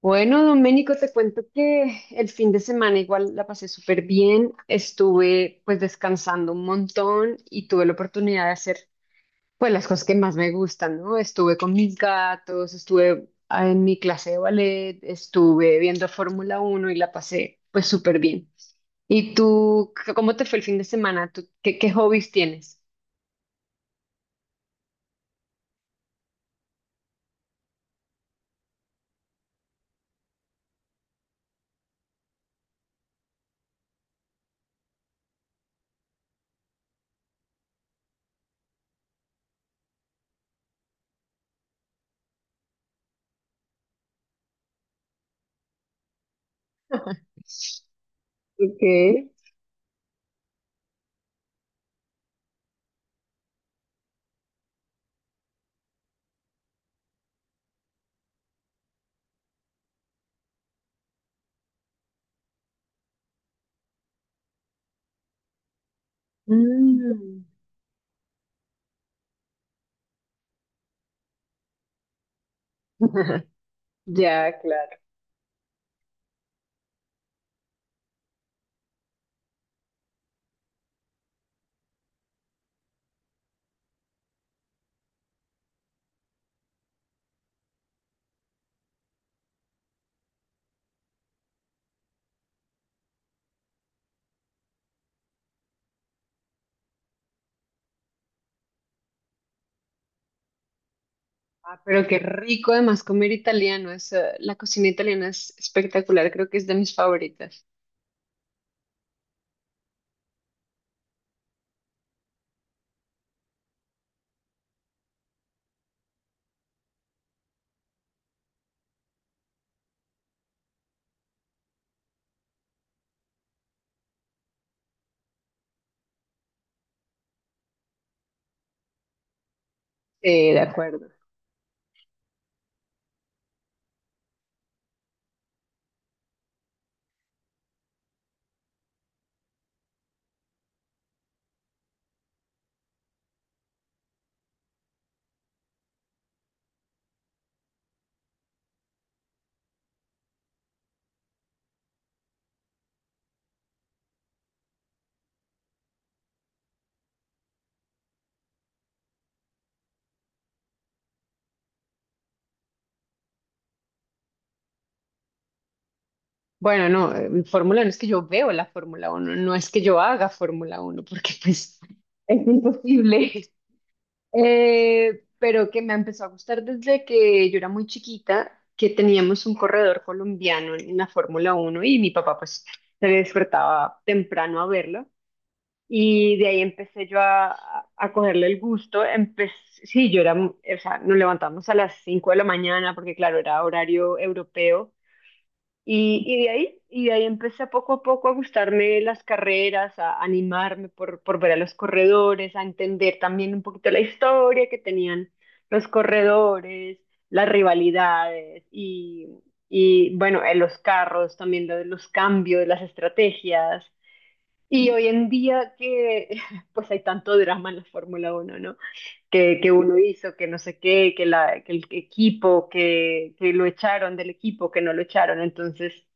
Bueno, Doménico, te cuento que el fin de semana igual la pasé súper bien, estuve pues descansando un montón y tuve la oportunidad de hacer pues las cosas que más me gustan, ¿no? Estuve con mis gatos, estuve en mi clase de ballet, estuve viendo Fórmula Uno y la pasé pues súper bien. ¿Y tú, cómo te fue el fin de semana? ¿Tú, qué hobbies tienes? Ok. Mm, ya, claro. Ah, pero qué rico además comer italiano. La cocina italiana es espectacular, creo que es de mis favoritas. De acuerdo. Bueno, no, Fórmula uno. Es que yo veo la Fórmula uno. No es que yo haga Fórmula uno, porque pues es imposible. Pero que me empezó a gustar desde que yo era muy chiquita, que teníamos un corredor colombiano en la Fórmula uno y mi papá pues se despertaba temprano a verlo. Y de ahí empecé yo a cogerle el gusto. Empecé, sí, yo era, o sea, nos levantamos a las 5 de la mañana porque, claro, era horario europeo. Y de ahí empecé poco a poco a gustarme las carreras, a animarme por ver a los corredores, a entender también un poquito la historia que tenían los corredores, las rivalidades y bueno, los carros, también lo de los cambios, las estrategias. Y hoy en día que pues hay tanto drama en la Fórmula uno, ¿no? Que uno hizo, que no sé qué, que el equipo, que lo echaron del equipo, que no lo echaron. Entonces,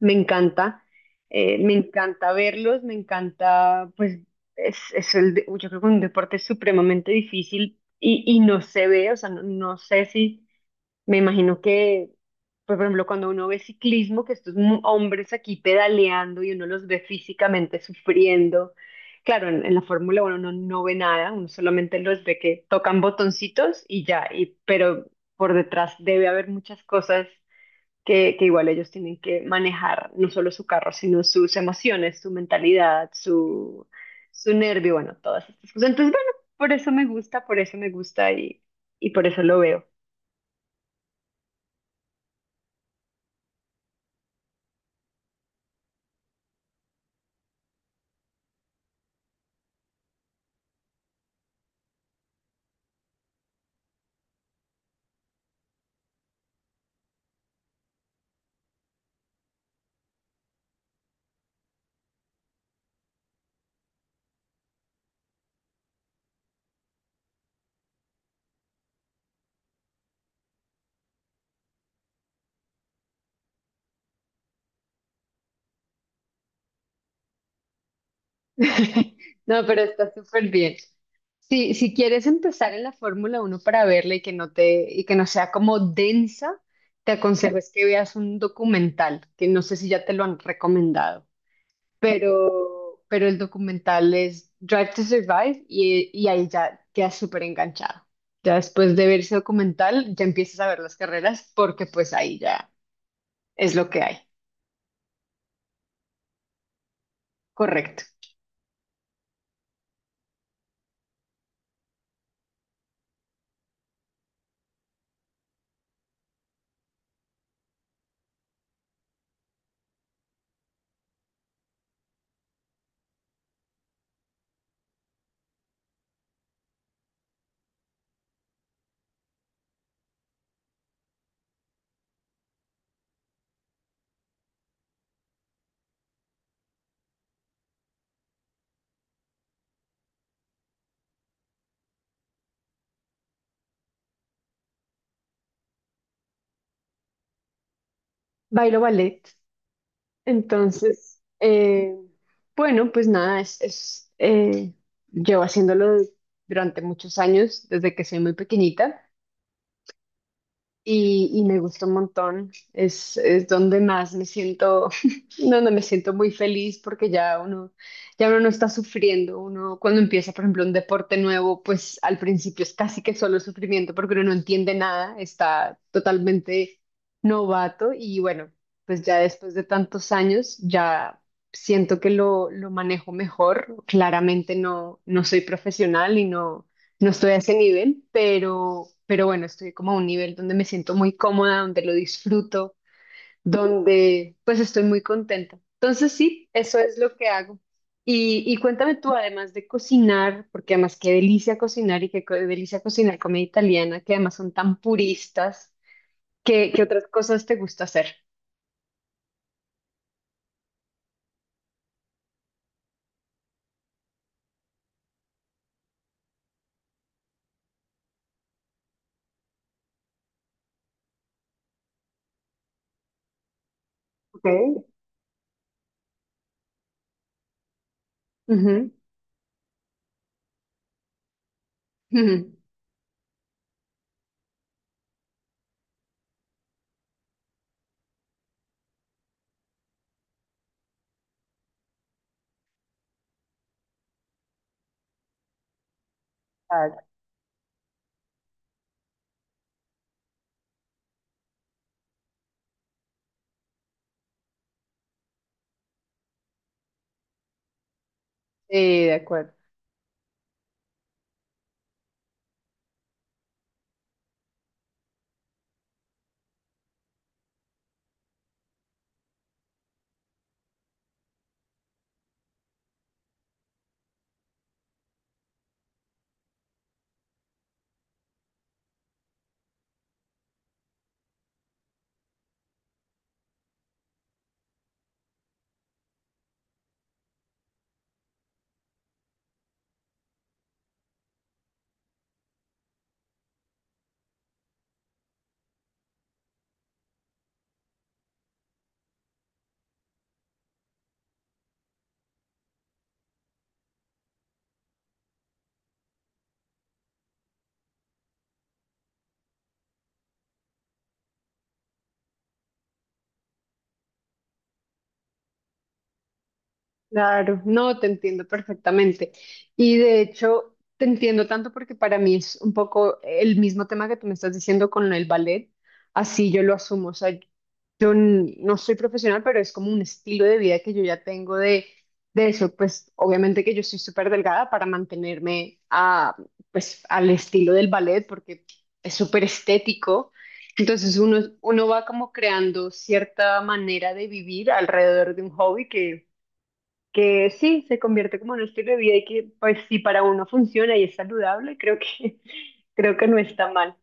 me encanta, me encanta verlos, me encanta, pues es, yo creo que un deporte supremamente difícil y no se ve, o sea, no, no sé si me imagino que, pues, por ejemplo, cuando uno ve ciclismo, que estos hombres aquí pedaleando y uno los ve físicamente sufriendo. Claro, en la Fórmula 1 uno no ve nada, uno solamente los ve que tocan botoncitos y ya, y, pero por detrás debe haber muchas cosas que igual ellos tienen que manejar, no solo su carro, sino sus emociones, su mentalidad, su nervio, bueno, todas estas cosas. Entonces, bueno, por eso me gusta, por eso me gusta y por eso lo veo. No, pero está súper bien. Si, si quieres empezar en la Fórmula uno para verla y que no te, y que no sea como densa, te aconsejo es que veas un documental, que no sé si ya te lo han recomendado, pero el documental es Drive to Survive y ahí ya quedas súper enganchado. Ya después de ver ese documental, ya empiezas a ver las carreras porque pues ahí ya es lo que hay. Correcto. Bailo ballet. Entonces, bueno, pues nada, llevo haciéndolo durante muchos años, desde que soy muy pequeñita y me gusta un montón. Es donde más me siento, donde me siento muy feliz porque ya uno no está sufriendo. Uno cuando empieza, por ejemplo, un deporte nuevo, pues al principio es casi que solo sufrimiento porque uno no entiende nada, está totalmente novato y bueno, pues ya después de tantos años ya siento que lo manejo mejor. Claramente no, no soy profesional y no estoy a ese nivel, pero bueno, estoy como a un nivel donde me siento muy cómoda, donde lo disfruto, donde pues estoy muy contenta. Entonces sí, eso es lo que hago. Y cuéntame tú, además de cocinar, porque además qué delicia cocinar y delicia cocinar comida italiana, que además son tan puristas, qué otras cosas te gusta hacer? Ok. Ujú, ujú. Claro. Sí, de acuerdo. Claro, no, te entiendo perfectamente. Y de hecho, te entiendo tanto porque para mí es un poco el mismo tema que tú me estás diciendo con el ballet, así yo lo asumo. O sea, yo no soy profesional, pero es como un estilo de vida que yo ya tengo de eso. Pues obviamente que yo soy súper delgada para mantenerme a, pues, al estilo del ballet porque es súper estético. Entonces uno, uno va como creando cierta manera de vivir alrededor de un hobby que sí, se convierte como en un estilo de vida y que pues si para uno funciona y es saludable, creo que, creo que no está mal.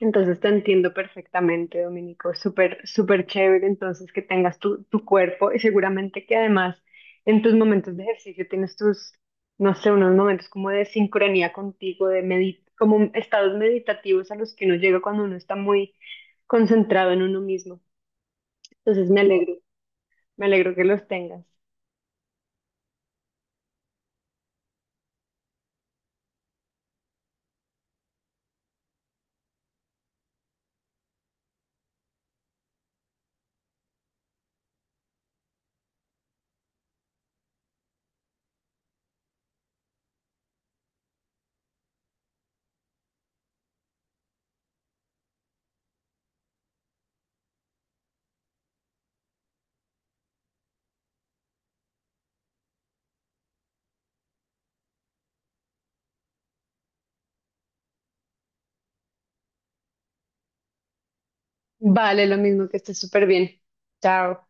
Entonces te entiendo perfectamente, Dominico, súper, súper chévere entonces que tengas tu, tu cuerpo y seguramente que además en tus momentos de ejercicio tienes tus, no sé, unos momentos como de sincronía contigo, como estados meditativos a los que uno llega cuando uno está muy concentrado en uno mismo. Entonces me alegro que los tengas. Vale, lo mismo que esté súper bien. Chao.